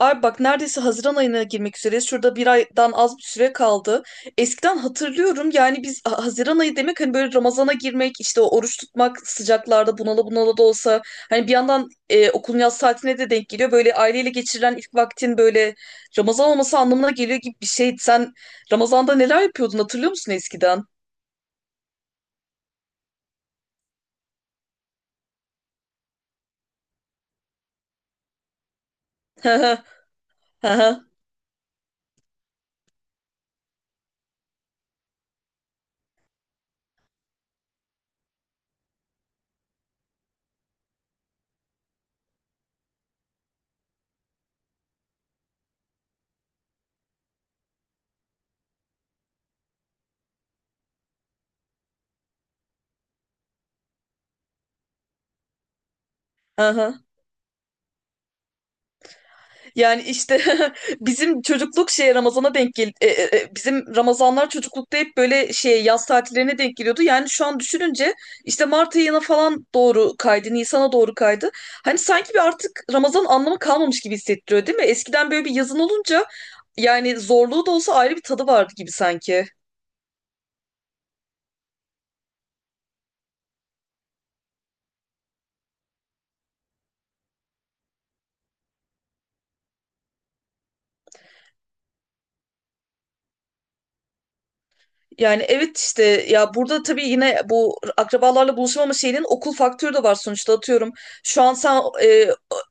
Abi bak neredeyse Haziran ayına girmek üzereyiz. Şurada bir aydan az bir süre kaldı. Eskiden hatırlıyorum yani biz Haziran ayı demek hani böyle Ramazan'a girmek, işte o oruç tutmak sıcaklarda bunala bunala da olsa hani bir yandan okulun yaz tatiline de denk geliyor. Böyle aileyle geçirilen ilk vaktin böyle Ramazan olması anlamına geliyor gibi bir şey. Sen Ramazan'da neler yapıyordun hatırlıyor musun eskiden? Hı hı, hı hı, hı hı. Yani işte bizim çocukluk şey Ramazan'a denk gel e, e, e, bizim Ramazanlar çocuklukta hep böyle şey yaz tatillerine denk geliyordu. Yani şu an düşününce işte Mart ayına falan doğru kaydı, Nisan'a doğru kaydı. Hani sanki bir artık Ramazan anlamı kalmamış gibi hissettiriyor değil mi? Eskiden böyle bir yazın olunca yani zorluğu da olsa ayrı bir tadı vardı gibi sanki. Yani evet işte ya burada tabii yine bu akrabalarla buluşamama şeyinin okul faktörü de var sonuçta atıyorum. Şu an sen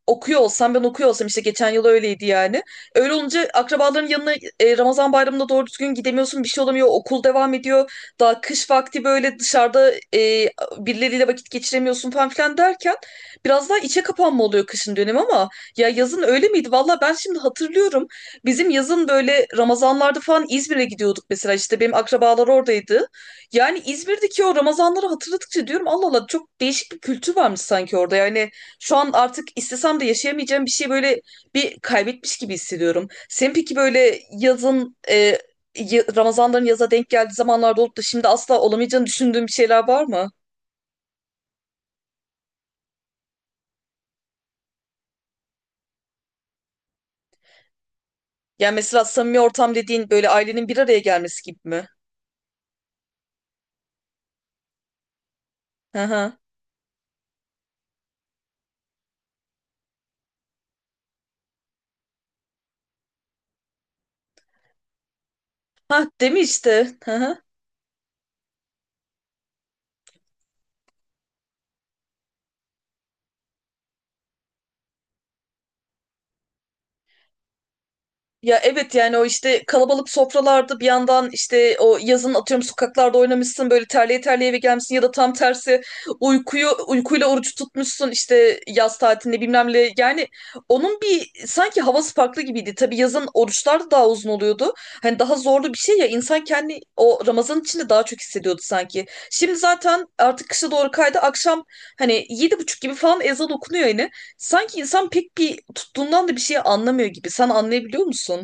okuyor olsan ben okuyor olsam işte geçen yıl öyleydi yani. Öyle olunca akrabaların yanına Ramazan bayramında doğru düzgün gidemiyorsun bir şey olamıyor okul devam ediyor. Daha kış vakti böyle dışarıda birileriyle vakit geçiremiyorsun falan filan derken biraz daha içe kapanma oluyor kışın dönemi ama ya yazın öyle miydi? Valla ben şimdi hatırlıyorum. Bizim yazın böyle Ramazanlarda falan İzmir'e gidiyorduk mesela işte benim akrabalar oradaydı. Yani İzmir'deki o Ramazanları hatırladıkça diyorum Allah Allah çok değişik bir kültür varmış sanki orada. Yani şu an artık istesem de yaşayamayacağım bir şey böyle bir kaybetmiş gibi hissediyorum. Sen peki böyle yazın Ramazanların yaza denk geldiği zamanlarda olup da şimdi asla olamayacağını düşündüğün bir şeyler var mı? Yani mesela samimi ortam dediğin böyle ailenin bir araya gelmesi gibi mi? Hı hı. Ha değil mi işte? Hı hı. Ya evet yani o işte kalabalık sofralarda bir yandan işte o yazın atıyorum sokaklarda oynamışsın böyle terleye terleye eve gelmişsin ya da tam tersi uykuyu uykuyla oruç tutmuşsun işte yaz tatilinde bilmem ne yani onun bir sanki havası farklı gibiydi. Tabii yazın oruçlar da daha uzun oluyordu. Hani daha zorlu bir şey ya insan kendi o Ramazan içinde daha çok hissediyordu sanki. Şimdi zaten artık kışa doğru kaydı akşam hani yedi buçuk gibi falan ezan okunuyor yine. Sanki insan pek bir tuttuğundan da bir şey anlamıyor gibi. Sen anlayabiliyor musun?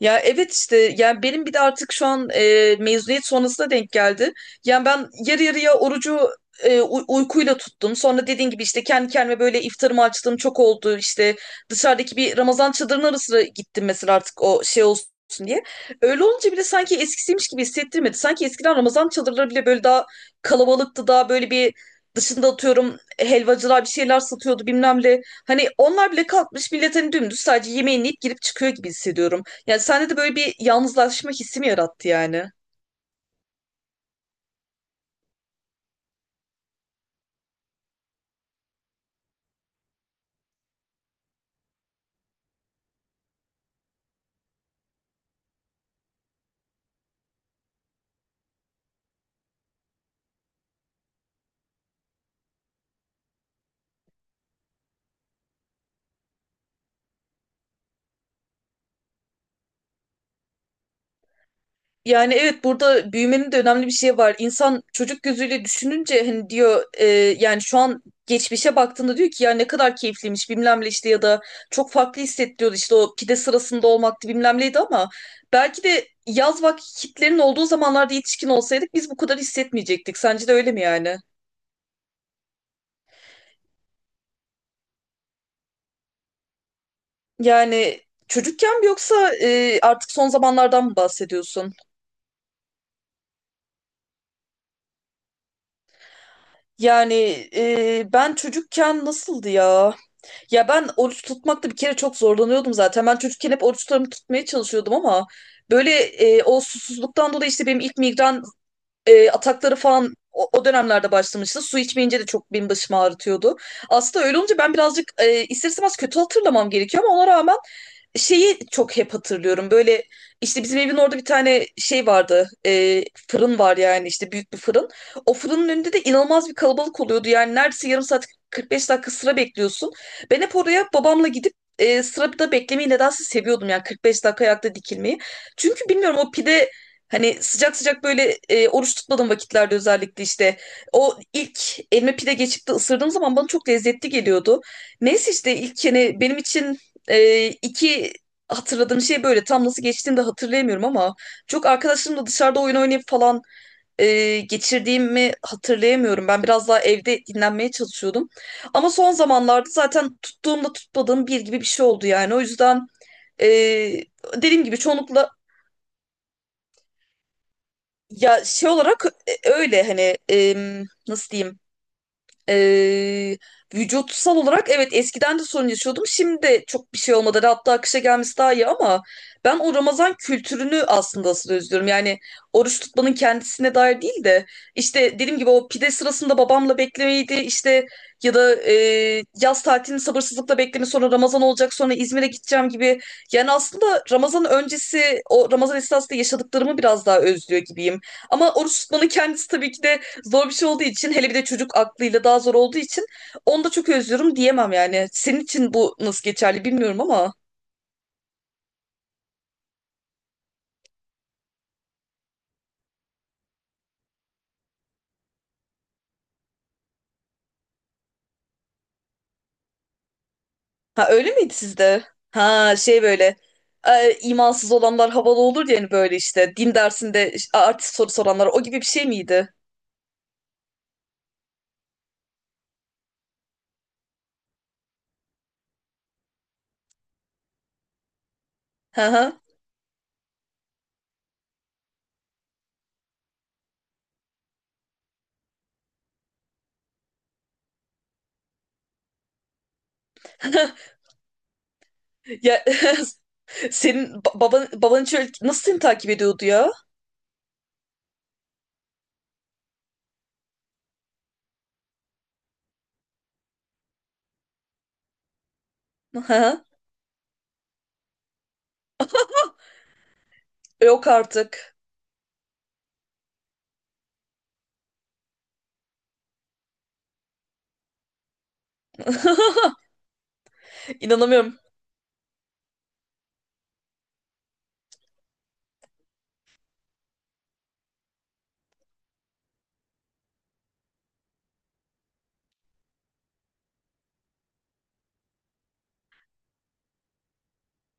Ya evet işte yani benim bir de artık şu an mezuniyet sonrasına denk geldi. Yani ben yarı yarıya orucu uykuyla tuttum. Sonra dediğin gibi işte kendi kendime böyle iftarımı açtığım çok oldu. İşte dışarıdaki bir Ramazan çadırının arasına gittim mesela artık o şey olsun diye. Öyle olunca bile sanki eskisiymiş gibi hissettirmedi. Sanki eskiden Ramazan çadırları bile böyle daha kalabalıktı. Daha böyle bir dışında atıyorum helvacılar bir şeyler satıyordu bilmem ne. Hani onlar bile kalkmış millet hani dümdüz sadece yemeğini yiyip girip çıkıyor gibi hissediyorum. Yani sende de böyle bir yalnızlaşma hissi mi yarattı yani? Yani evet burada büyümenin de önemli bir şey var. İnsan çocuk gözüyle düşününce hani diyor yani şu an geçmişe baktığında diyor ki ya ne kadar keyifliymiş bilmem ne işte ya da çok farklı hissettiriyordu işte o pide sırasında olmaktı bilmem neydi ama belki de yaz vakitlerin olduğu zamanlarda yetişkin olsaydık biz bu kadar hissetmeyecektik. Sence de öyle mi yani? Yani çocukken mi yoksa artık son zamanlardan mı bahsediyorsun? Yani ben çocukken nasıldı ya? Ya ben oruç tutmakta bir kere çok zorlanıyordum zaten. Ben çocukken hep oruçlarımı tutmaya çalışıyordum ama böyle o susuzluktan dolayı işte benim ilk migren atakları falan o dönemlerde başlamıştı. Su içmeyince de çok benim başımı ağrıtıyordu. Aslında öyle olunca ben birazcık ister istemez kötü hatırlamam gerekiyor ama ona rağmen şeyi çok hep hatırlıyorum. Böyle işte bizim evin orada bir tane şey vardı. Fırın var yani işte büyük bir fırın. O fırının önünde de inanılmaz bir kalabalık oluyordu. Yani neredeyse yarım saat 45 dakika sıra bekliyorsun. Ben hep oraya babamla gidip sırada beklemeyi nedense seviyordum. Yani 45 dakika ayakta dikilmeyi. Çünkü bilmiyorum o pide hani sıcak sıcak böyle oruç tutmadığım vakitlerde özellikle işte o ilk elime pide geçip de ısırdığım zaman bana çok lezzetli geliyordu. Neyse işte ilk yani benim için iki hatırladığım şey böyle. Tam nasıl geçtiğini de hatırlayamıyorum ama çok arkadaşlarımla dışarıda oyun oynayıp falan geçirdiğimi hatırlayamıyorum. Ben biraz daha evde dinlenmeye çalışıyordum. Ama son zamanlarda zaten tuttuğumla tutmadığım bir gibi bir şey oldu yani. O yüzden e, dediğim gibi çoğunlukla ya şey olarak öyle hani nasıl diyeyim. Ee, Vücutsal olarak evet eskiden de sorun yaşıyordum. Şimdi de çok bir şey olmadı. Hatta akışa gelmesi daha iyi ama ben o Ramazan kültürünü aslında asıl özlüyorum. Yani oruç tutmanın kendisine dair değil de işte dediğim gibi o pide sırasında babamla beklemeydi işte ya da yaz tatilini sabırsızlıkla bekleme sonra Ramazan olacak sonra İzmir'e gideceğim gibi. Yani aslında Ramazan öncesi o Ramazan esnasında yaşadıklarımı biraz daha özlüyor gibiyim. Ama oruç tutmanın kendisi tabii ki de zor bir şey olduğu için hele bir de çocuk aklıyla daha zor olduğu için onu da çok özlüyorum diyemem yani. Senin için bu nasıl geçerli bilmiyorum ama. Ha öyle miydi sizde? Ha şey böyle imansız olanlar havalı olur ya hani böyle işte din dersinde artist soru soranlar o gibi bir şey miydi? Hı hı. Ya senin baban hiç öyle- nasıl seni takip ediyordu ya? Hı hı. Yok artık. İnanamıyorum.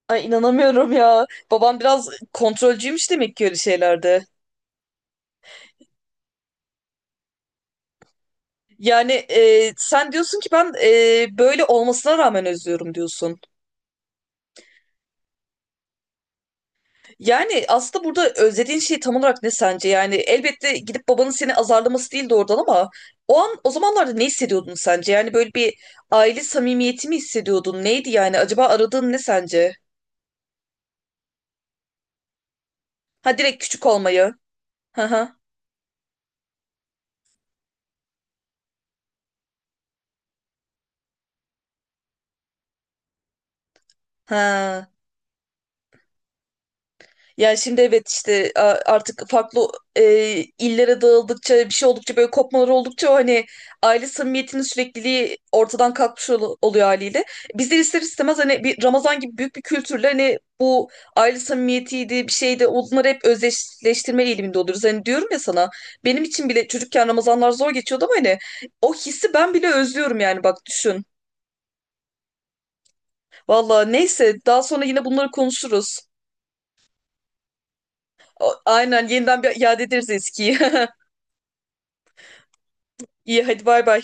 Ay inanamıyorum ya. Babam biraz kontrolcüymüş demek ki öyle şeylerde. Yani sen diyorsun ki ben böyle olmasına rağmen özlüyorum diyorsun. Yani aslında burada özlediğin şey tam olarak ne sence? Yani elbette gidip babanın seni azarlaması değildi oradan ama o an o zamanlarda ne hissediyordun sence? Yani böyle bir aile samimiyeti mi hissediyordun? Neydi yani? Acaba aradığın ne sence? Ha direkt küçük olmayı. Ha ha. Ha. Yani şimdi evet işte artık farklı e, illere dağıldıkça bir şey oldukça böyle kopmalar oldukça o hani aile samimiyetinin sürekliliği ortadan kalkmış oluyor haliyle. Bizler ister istemez hani bir Ramazan gibi büyük bir kültürle hani bu aile samimiyetiydi bir şeydi onları hep özdeşleştirme eğiliminde oluruz. Hani diyorum ya sana benim için bile çocukken Ramazanlar zor geçiyordu ama hani o hissi ben bile özlüyorum yani bak düşün. Valla neyse daha sonra yine bunları konuşuruz. O- Aynen yeniden bir iade ederiz eskiyi. İyi hadi bay bay.